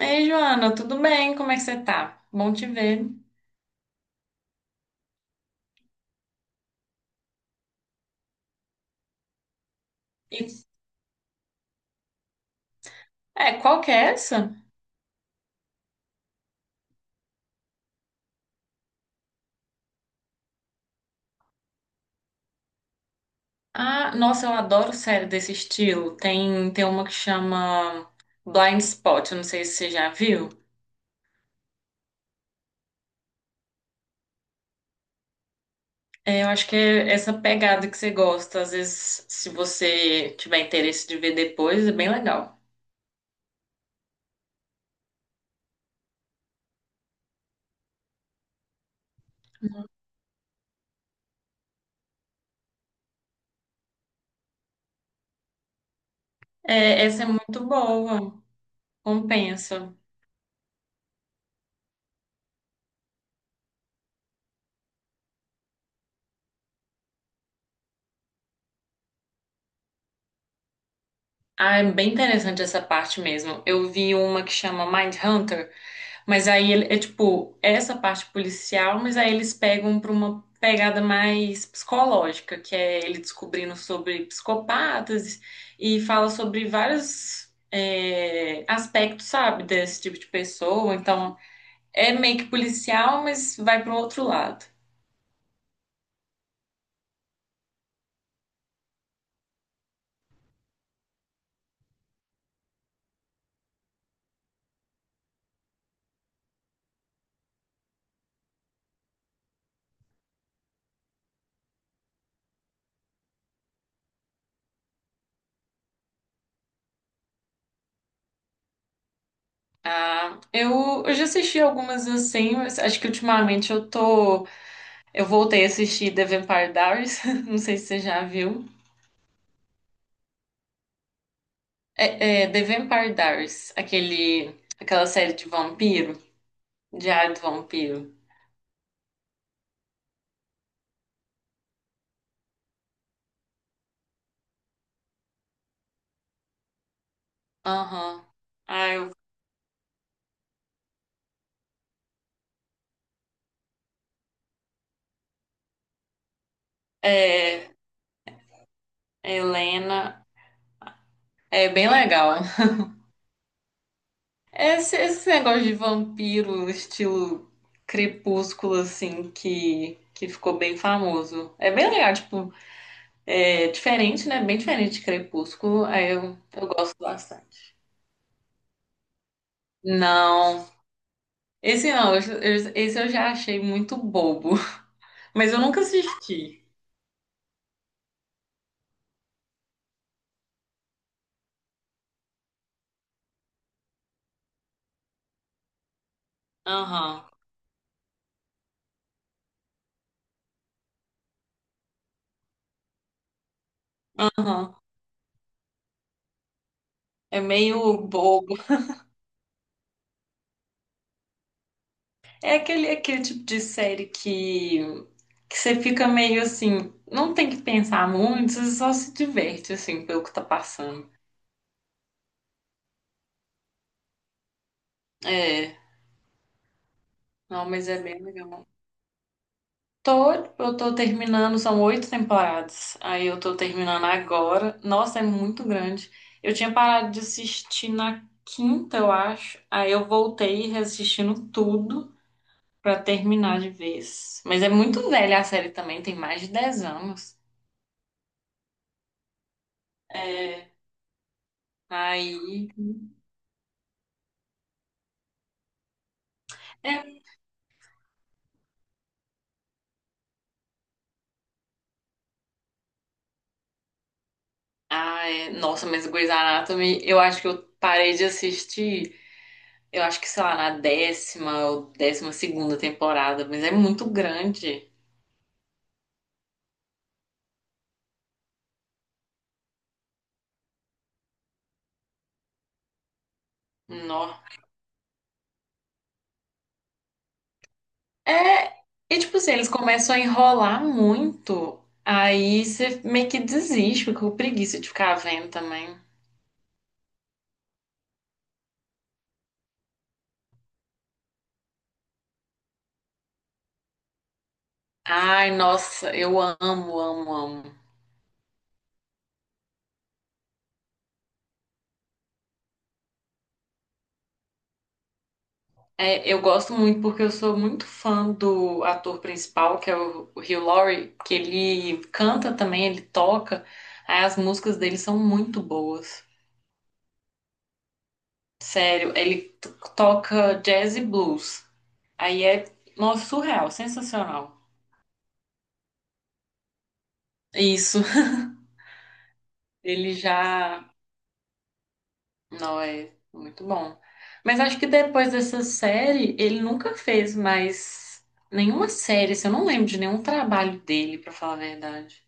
Ei, Joana, tudo bem? Como é que você tá? Bom te ver. E- Qual que é essa? Ah, nossa, eu adoro série desse estilo. Tem uma que chama Blind Spot, eu não sei se você já viu. É, eu acho que é essa pegada que você gosta. Às vezes, se você tiver interesse de ver depois, é bem legal. É, essa é muito boa, compensa. Ah, é bem interessante essa parte mesmo. Eu vi uma que chama Mindhunter. Mas aí é tipo é essa parte policial, mas aí eles pegam para uma pegada mais psicológica, que é ele descobrindo sobre psicopatas e fala sobre vários aspectos, sabe, desse tipo de pessoa. Então é meio que policial, mas vai para o outro lado. Ah, eu já assisti algumas assim, mas acho que ultimamente eu tô. Eu voltei a assistir The Vampire Diaries, não sei se você já viu. É, é The Vampire Diaries, aquela série de vampiro, Diário do Vampiro. Aham. Ah, eu- é, Helena, é bem legal. Esse negócio de vampiro, estilo crepúsculo, assim, que ficou bem famoso. É bem legal, tipo, é diferente, né? Bem diferente de crepúsculo, aí eu gosto bastante. Não, esse não, esse eu já achei muito bobo, mas eu nunca assisti. Aham. Aham. É meio bobo. É aquele, aquele tipo de série que você fica meio assim, não tem que pensar muito, você só se diverte assim pelo que tá passando. É, não, mas é bem legal. Tô, eu tô terminando, são 8 temporadas. Aí eu tô terminando agora. Nossa, é muito grande. Eu tinha parado de assistir na quinta, eu acho. Aí eu voltei reassistindo tudo pra terminar de vez. Mas é muito velha a série também, tem mais de 10 anos. É, aí. É. Ai, nossa, mas Grey's Anatomy, eu acho que eu parei de assistir, eu acho que, sei lá, na 10ª ou 12ª temporada, mas é muito grande. Nó. É, e tipo assim, eles começam a enrolar muito, aí você meio que desiste, fica com preguiça de ficar vendo também. Ai, nossa, eu amo, amo, amo. É, eu gosto muito porque eu sou muito fã do ator principal, que é o Hugh Laurie, que ele canta também, ele toca. Aí as músicas dele são muito boas. Sério, toca jazz e blues. Aí é, nossa, surreal, sensacional. Isso, ele já, não é muito bom. Mas acho que depois dessa série, ele nunca fez mais nenhuma série, assim, eu não lembro de nenhum trabalho dele, pra falar a verdade.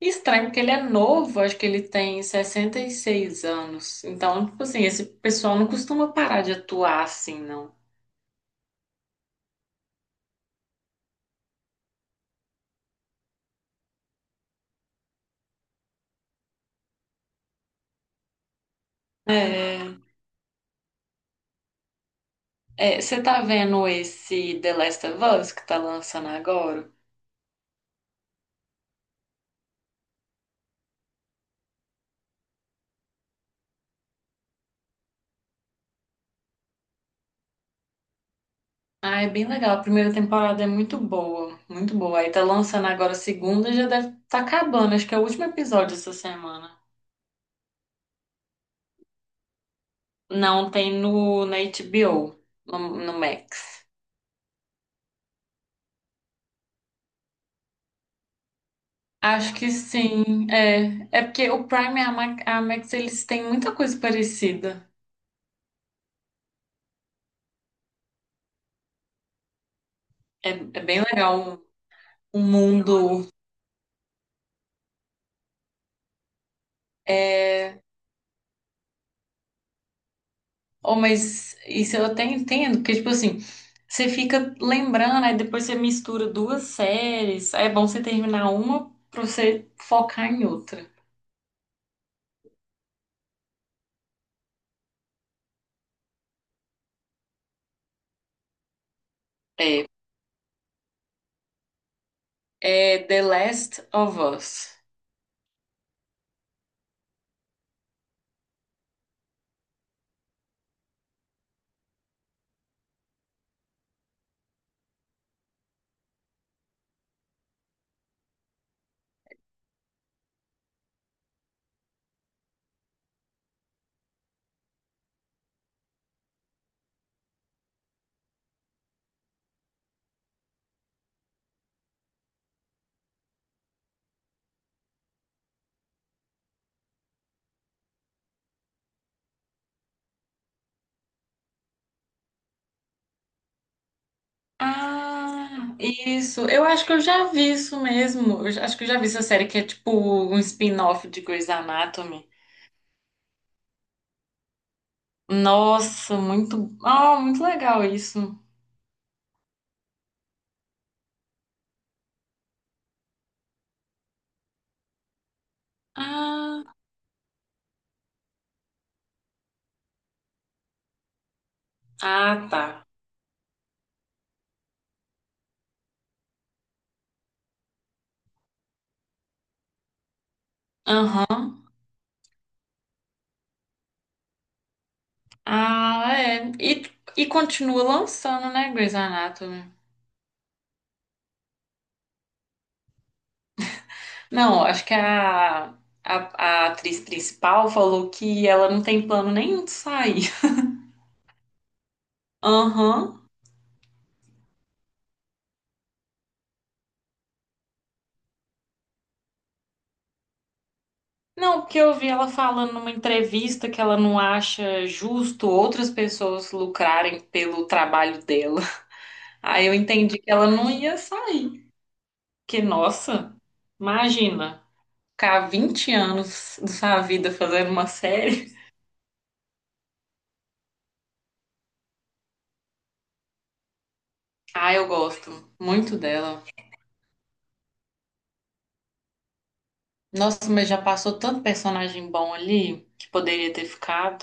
Estranho, porque ele é novo, acho que ele tem 66 anos. Então, tipo assim, esse pessoal não costuma parar de atuar assim, não. É, você tá vendo esse The Last of Us que tá lançando agora? Ah, é bem legal. A primeira temporada é muito boa, muito boa. Aí tá lançando agora a segunda, já deve tá acabando. Acho que é o último episódio essa semana. Não, tem na HBO, no Max. Acho que sim. É, é porque o Prime e a a Max, eles têm muita coisa parecida. É, é bem legal o mundo. É... Oh, mas isso eu até entendo, porque, tipo assim, você fica lembrando, aí depois você mistura duas séries. Aí é bom você terminar uma pra você focar em outra. É, é The Last of Us. Ah, isso. Eu acho que eu já vi isso mesmo. Acho que eu já vi essa série que é tipo um spin-off de Grey's Anatomy. Nossa, muito, ah, muito legal isso. Ah, ah, tá. Aham. Ah, é. E continua lançando, né, Grey's Anatomy? Não, acho que a atriz principal falou que ela não tem plano nenhum de sair. Aham. Não, porque eu vi ela falando numa entrevista que ela não acha justo outras pessoas lucrarem pelo trabalho dela. Aí eu entendi que ela não ia sair. Porque, nossa, imagina, ficar 20 anos da sua vida fazendo uma série. Ah, eu gosto muito dela. Nossa, mas já passou tanto personagem bom ali que poderia ter ficado.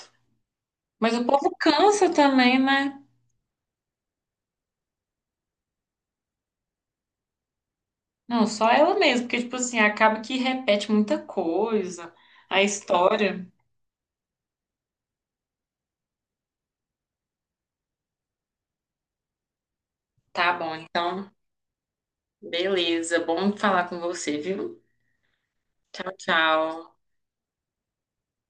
Mas o povo cansa também, né? Não, só ela mesmo, porque, tipo assim, acaba que repete muita coisa, a história. Tá bom, então. Beleza. Bom falar com você, viu? Tchau, tchau.